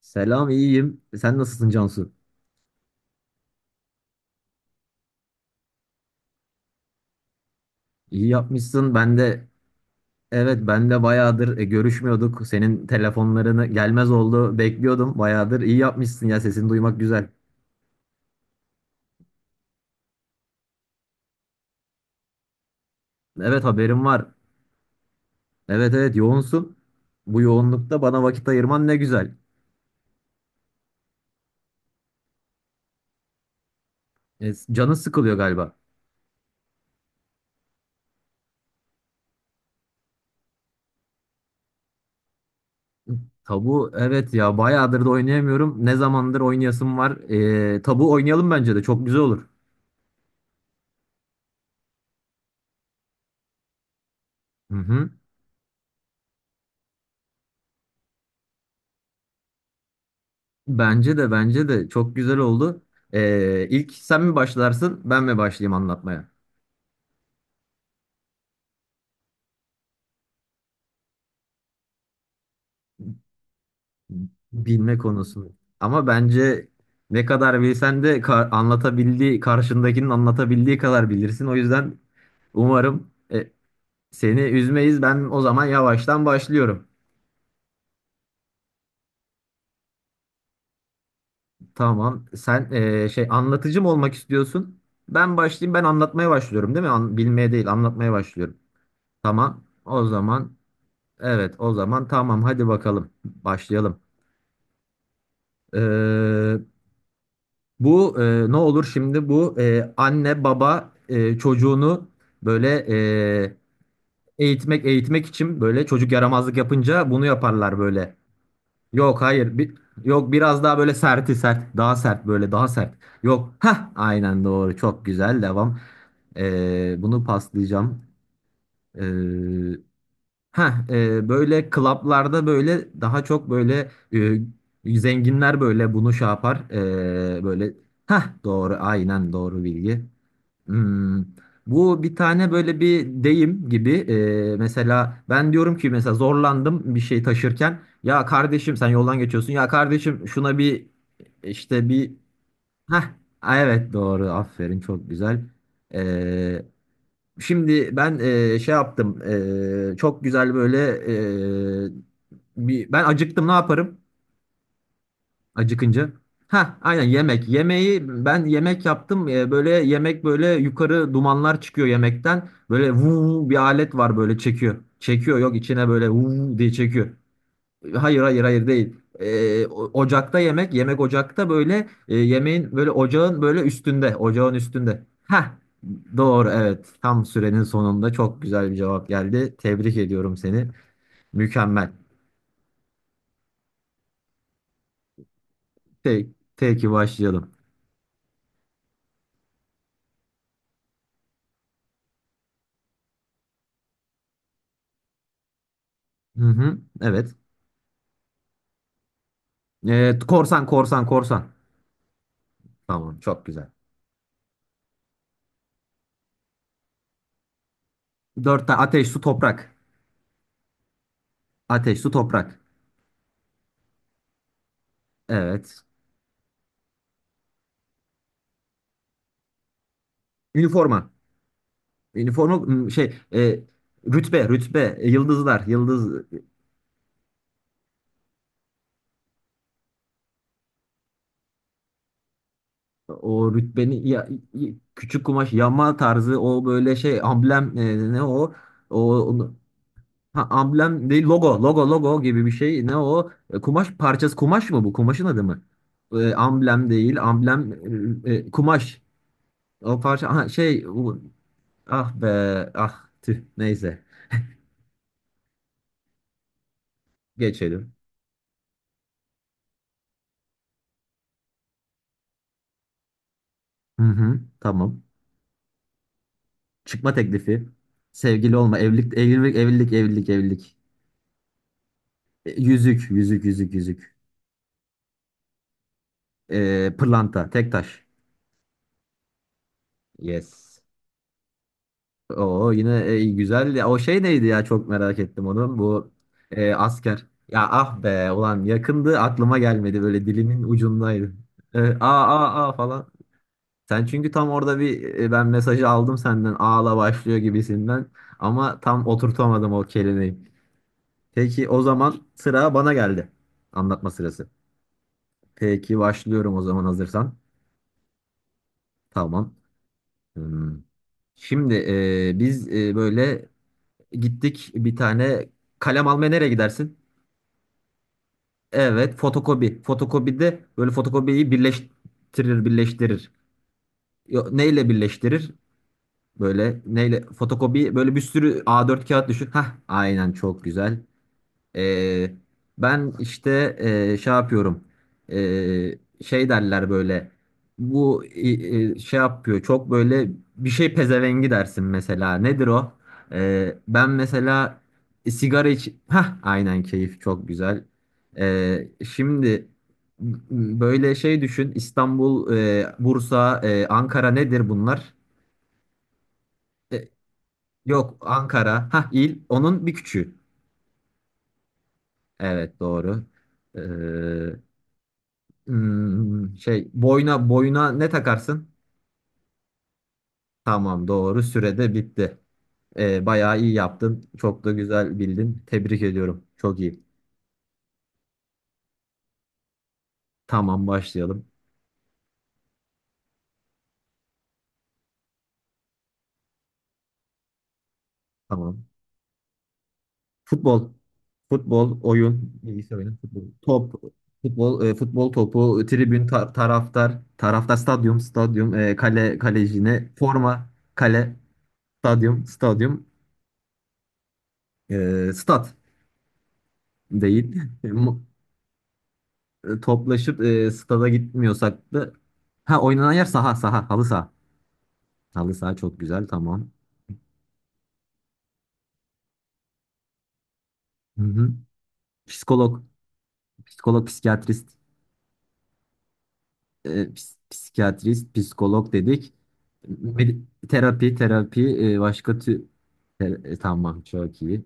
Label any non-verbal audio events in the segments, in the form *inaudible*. Selam, iyiyim. Sen nasılsın Cansu? İyi yapmışsın. Ben de evet ben de bayağıdır görüşmüyorduk. Senin telefonlarını gelmez oldu. Bekliyordum. Bayağıdır İyi yapmışsın ya. Sesini duymak güzel. Evet haberim var. Evet evet yoğunsun. Bu yoğunlukta bana vakit ayırman ne güzel. E, canın sıkılıyor galiba. Tabu evet ya bayağıdır da oynayamıyorum. Ne zamandır oynayasım var. Tabu oynayalım bence de çok güzel olur. Hı hı. Bence de çok güzel oldu. İlk sen mi başlarsın, ben mi başlayayım anlatmaya? Bilme konusunu. Ama bence ne kadar bilsen de anlatabildiği, karşındakinin anlatabildiği kadar bilirsin. O yüzden umarım seni üzmeyiz. Ben o zaman yavaştan başlıyorum. Tamam. Sen şey anlatıcı mı olmak istiyorsun? Ben başlayayım. Ben anlatmaya başlıyorum, değil mi? Bilmeye değil, anlatmaya başlıyorum. Tamam. O zaman. Evet, o zaman tamam hadi bakalım başlayalım. Ee, Bu ne olur şimdi bu anne baba çocuğunu böyle e, eğitmek için böyle çocuk yaramazlık yapınca bunu yaparlar böyle. Yok hayır bir, yok biraz daha böyle sert, daha sert, böyle daha sert. Yok ha aynen doğru, çok güzel, devam. Bunu paslayacağım. Ee, Ha, Böyle klaplarda böyle daha çok böyle zenginler böyle bunu şey yapar, böyle ha doğru aynen doğru bilgi. Hmm, Bu bir tane böyle bir deyim gibi mesela ben diyorum ki mesela zorlandım bir şey taşırken ya kardeşim sen yoldan geçiyorsun ya kardeşim şuna bir işte bir ha evet doğru aferin çok güzel. E, Şimdi ben şey yaptım. Çok güzel böyle e, bir ben acıktım ne yaparım acıkınca? Ha aynen yemek. Yemeği ben yemek yaptım. E, böyle yemek böyle yukarı dumanlar çıkıyor yemekten. Böyle vuu bir alet var böyle çekiyor. Çekiyor yok içine böyle vuu diye çekiyor. Hayır hayır hayır değil. Ocakta yemek, yemek ocakta böyle yemeğin böyle ocağın böyle üstünde, ocağın üstünde. Ha, doğru evet. Tam sürenin sonunda çok güzel bir cevap geldi. Tebrik ediyorum seni. Mükemmel. Te, teki başlayalım. Hı hı, evet. Korsan, korsan, korsan. Tamam, çok güzel. Dört tane ateş, su, toprak. Ateş, su, toprak. Evet. Üniforma. Üniforma m, şey e, Rütbe, rütbe, yıldızlar, yıldız. O rütbeni ya, küçük kumaş yama tarzı o böyle şey amblem ne o o onu- ha, amblem değil, logo, logo, logo gibi bir şey, ne o. E, kumaş parçası, kumaş mı, bu kumaşın adı mı? E, amblem değil amblem, kumaş, o parça ha, şey ah be, ah tüh, neyse geçelim. Hı hı tamam. Çıkma teklifi, sevgili olma, evlilik, evlilik, evlilik, evlilik, evlilik. E, yüzük, yüzük, yüzük, yüzük. E, pırlanta, tek taş. Yes. Oo yine güzel. O şey neydi ya, çok merak ettim onu. Bu asker. Ya ah be ulan, yakındı, aklıma gelmedi, böyle dilimin ucundaydı. E, aa aa aa falan. Sen çünkü tam orada bir ben mesajı aldım senden ağla başlıyor gibisinden ama tam oturtamadım o kelimeyi. Peki o zaman sıra bana geldi. Anlatma sırası. Peki başlıyorum o zaman hazırsan. Tamam. Hmm. Şimdi biz böyle gittik bir tane kalem almaya, nereye gidersin? Evet, fotokopi. Fotokopide böyle fotokopiyi birleştirir. Yo, neyle birleştirir? Böyle neyle fotokopi, böyle bir sürü A4 kağıt düşün. Hah, aynen çok güzel. Ee, Ben işte şey yapıyorum. Ee, Şey derler böyle. Bu şey yapıyor. Çok böyle bir şey pezevengi dersin mesela. Nedir o? Ben mesela sigara iç. Hah, aynen keyif çok güzel. Ee, Şimdi böyle şey düşün. İstanbul, Bursa, Ankara nedir bunlar? E, Yok Ankara. Hah il. Onun bir küçüğü. Evet doğru. Ee, Şey, boyuna boyuna ne takarsın? Tamam, doğru sürede bitti. Bayağı iyi yaptın. Çok da güzel bildin. Tebrik ediyorum. Çok iyi. Tamam başlayalım. Tamam. Futbol. Futbol oyun. Bilgisayar oyunu. Futbol. Top. Futbol futbol topu. Tribün taraftar. Taraftar stadyum. Stadyum. E, kale, kalecine. Forma. Kale. Stadyum. Stadyum. E, stat değil. *laughs* E, toplaşıp stada gitmiyorsak da ha oynanan yer, saha, halı saha. Halı saha çok güzel tamam. Hı hı. Psikolog, psikolog, psikiyatrist, psikiyatrist, psikolog dedik. Medi- Terapi, terapi, başka tür tamam çok iyi.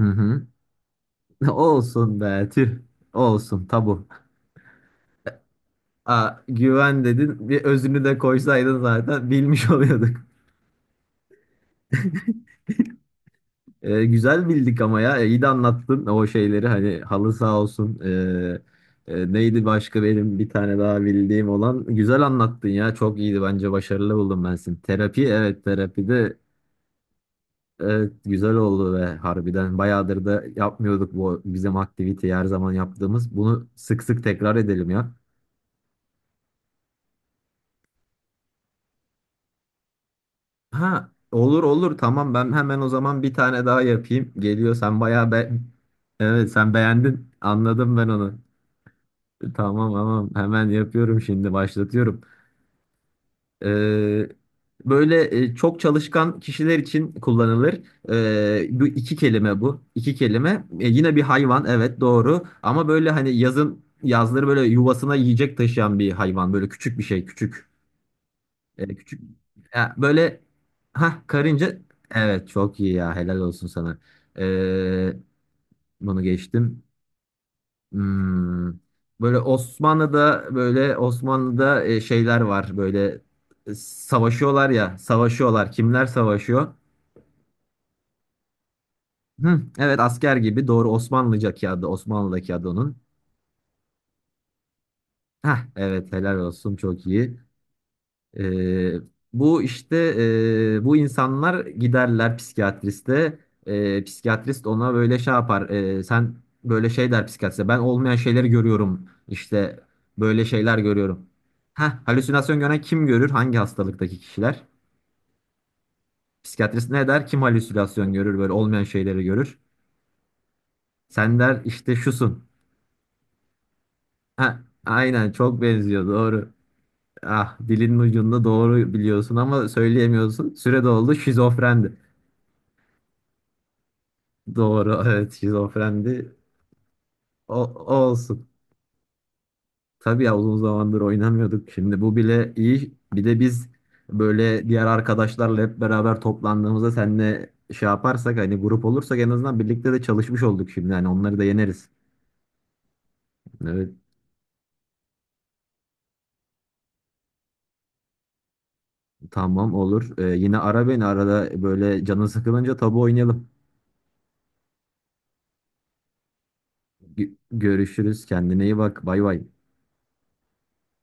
Hı hı. *laughs* Olsun be tüh. Olsun tabu. Aa, güven dedin, bir özünü de koysaydın zaten bilmiş *laughs* oluyorduk. E, güzel bildik ama ya. E, iyi de anlattın o şeyleri, hani halı sağ olsun. Neydi başka benim bir tane daha bildiğim olan, güzel anlattın ya, çok iyiydi, bence başarılı buldum ben seni, terapi, evet terapide, evet, güzel oldu ve harbiden bayağıdır da yapmıyorduk bu bizim aktiviteyi her zaman yaptığımız, bunu sık sık tekrar edelim ya. Ha olur olur tamam, ben hemen o zaman bir tane daha yapayım, geliyor sen bayağı be. Evet sen beğendin anladım ben onu. Tamam tamam hemen yapıyorum, şimdi başlatıyorum. Ee, Böyle çok çalışkan kişiler için kullanılır. Bu iki kelime bu. İki kelime. E, yine bir hayvan evet doğru. Ama böyle hani yazın yazları böyle yuvasına yiyecek taşıyan bir hayvan. Böyle küçük bir şey küçük. Küçük. Ya, böyle ha karınca. Evet çok iyi ya, helal olsun sana. Ee, Bunu geçtim. Hmm. Böyle Osmanlı'da böyle Osmanlı'da şeyler var böyle savaşıyorlar ya savaşıyorlar, kimler savaşıyor? Hı, evet asker gibi doğru, Osmanlıca adı, Osmanlı'daki adı onun. Hah, evet helal olsun çok iyi. Ee, Bu işte bu insanlar giderler psikiyatriste. Psikiyatrist ona böyle şey yapar. Sen böyle şey der psikiyatriste. Ben olmayan şeyleri görüyorum. İşte böyle şeyler görüyorum. Heh, halüsinasyon gören kim görür? Hangi hastalıktaki kişiler? Psikiyatrist ne der? Kim halüsinasyon görür? Böyle olmayan şeyleri görür. Sen der işte şusun. Ha, aynen çok benziyor doğru. Ah dilinin ucunda, doğru biliyorsun ama söyleyemiyorsun. Süre doldu, şizofrendi. Doğru, evet şizofrendi. O, o olsun. Tabii ya uzun zamandır oynamıyorduk. Şimdi bu bile iyi. Bir de biz böyle diğer arkadaşlarla hep beraber toplandığımızda seninle şey yaparsak hani grup olursak en azından birlikte de çalışmış olduk şimdi. Yani onları da yeneriz. Evet, tamam olur. Yine ara beni arada böyle canın sıkılınca tabu oynayalım. Görüşürüz. Kendine iyi bak. Bay bay.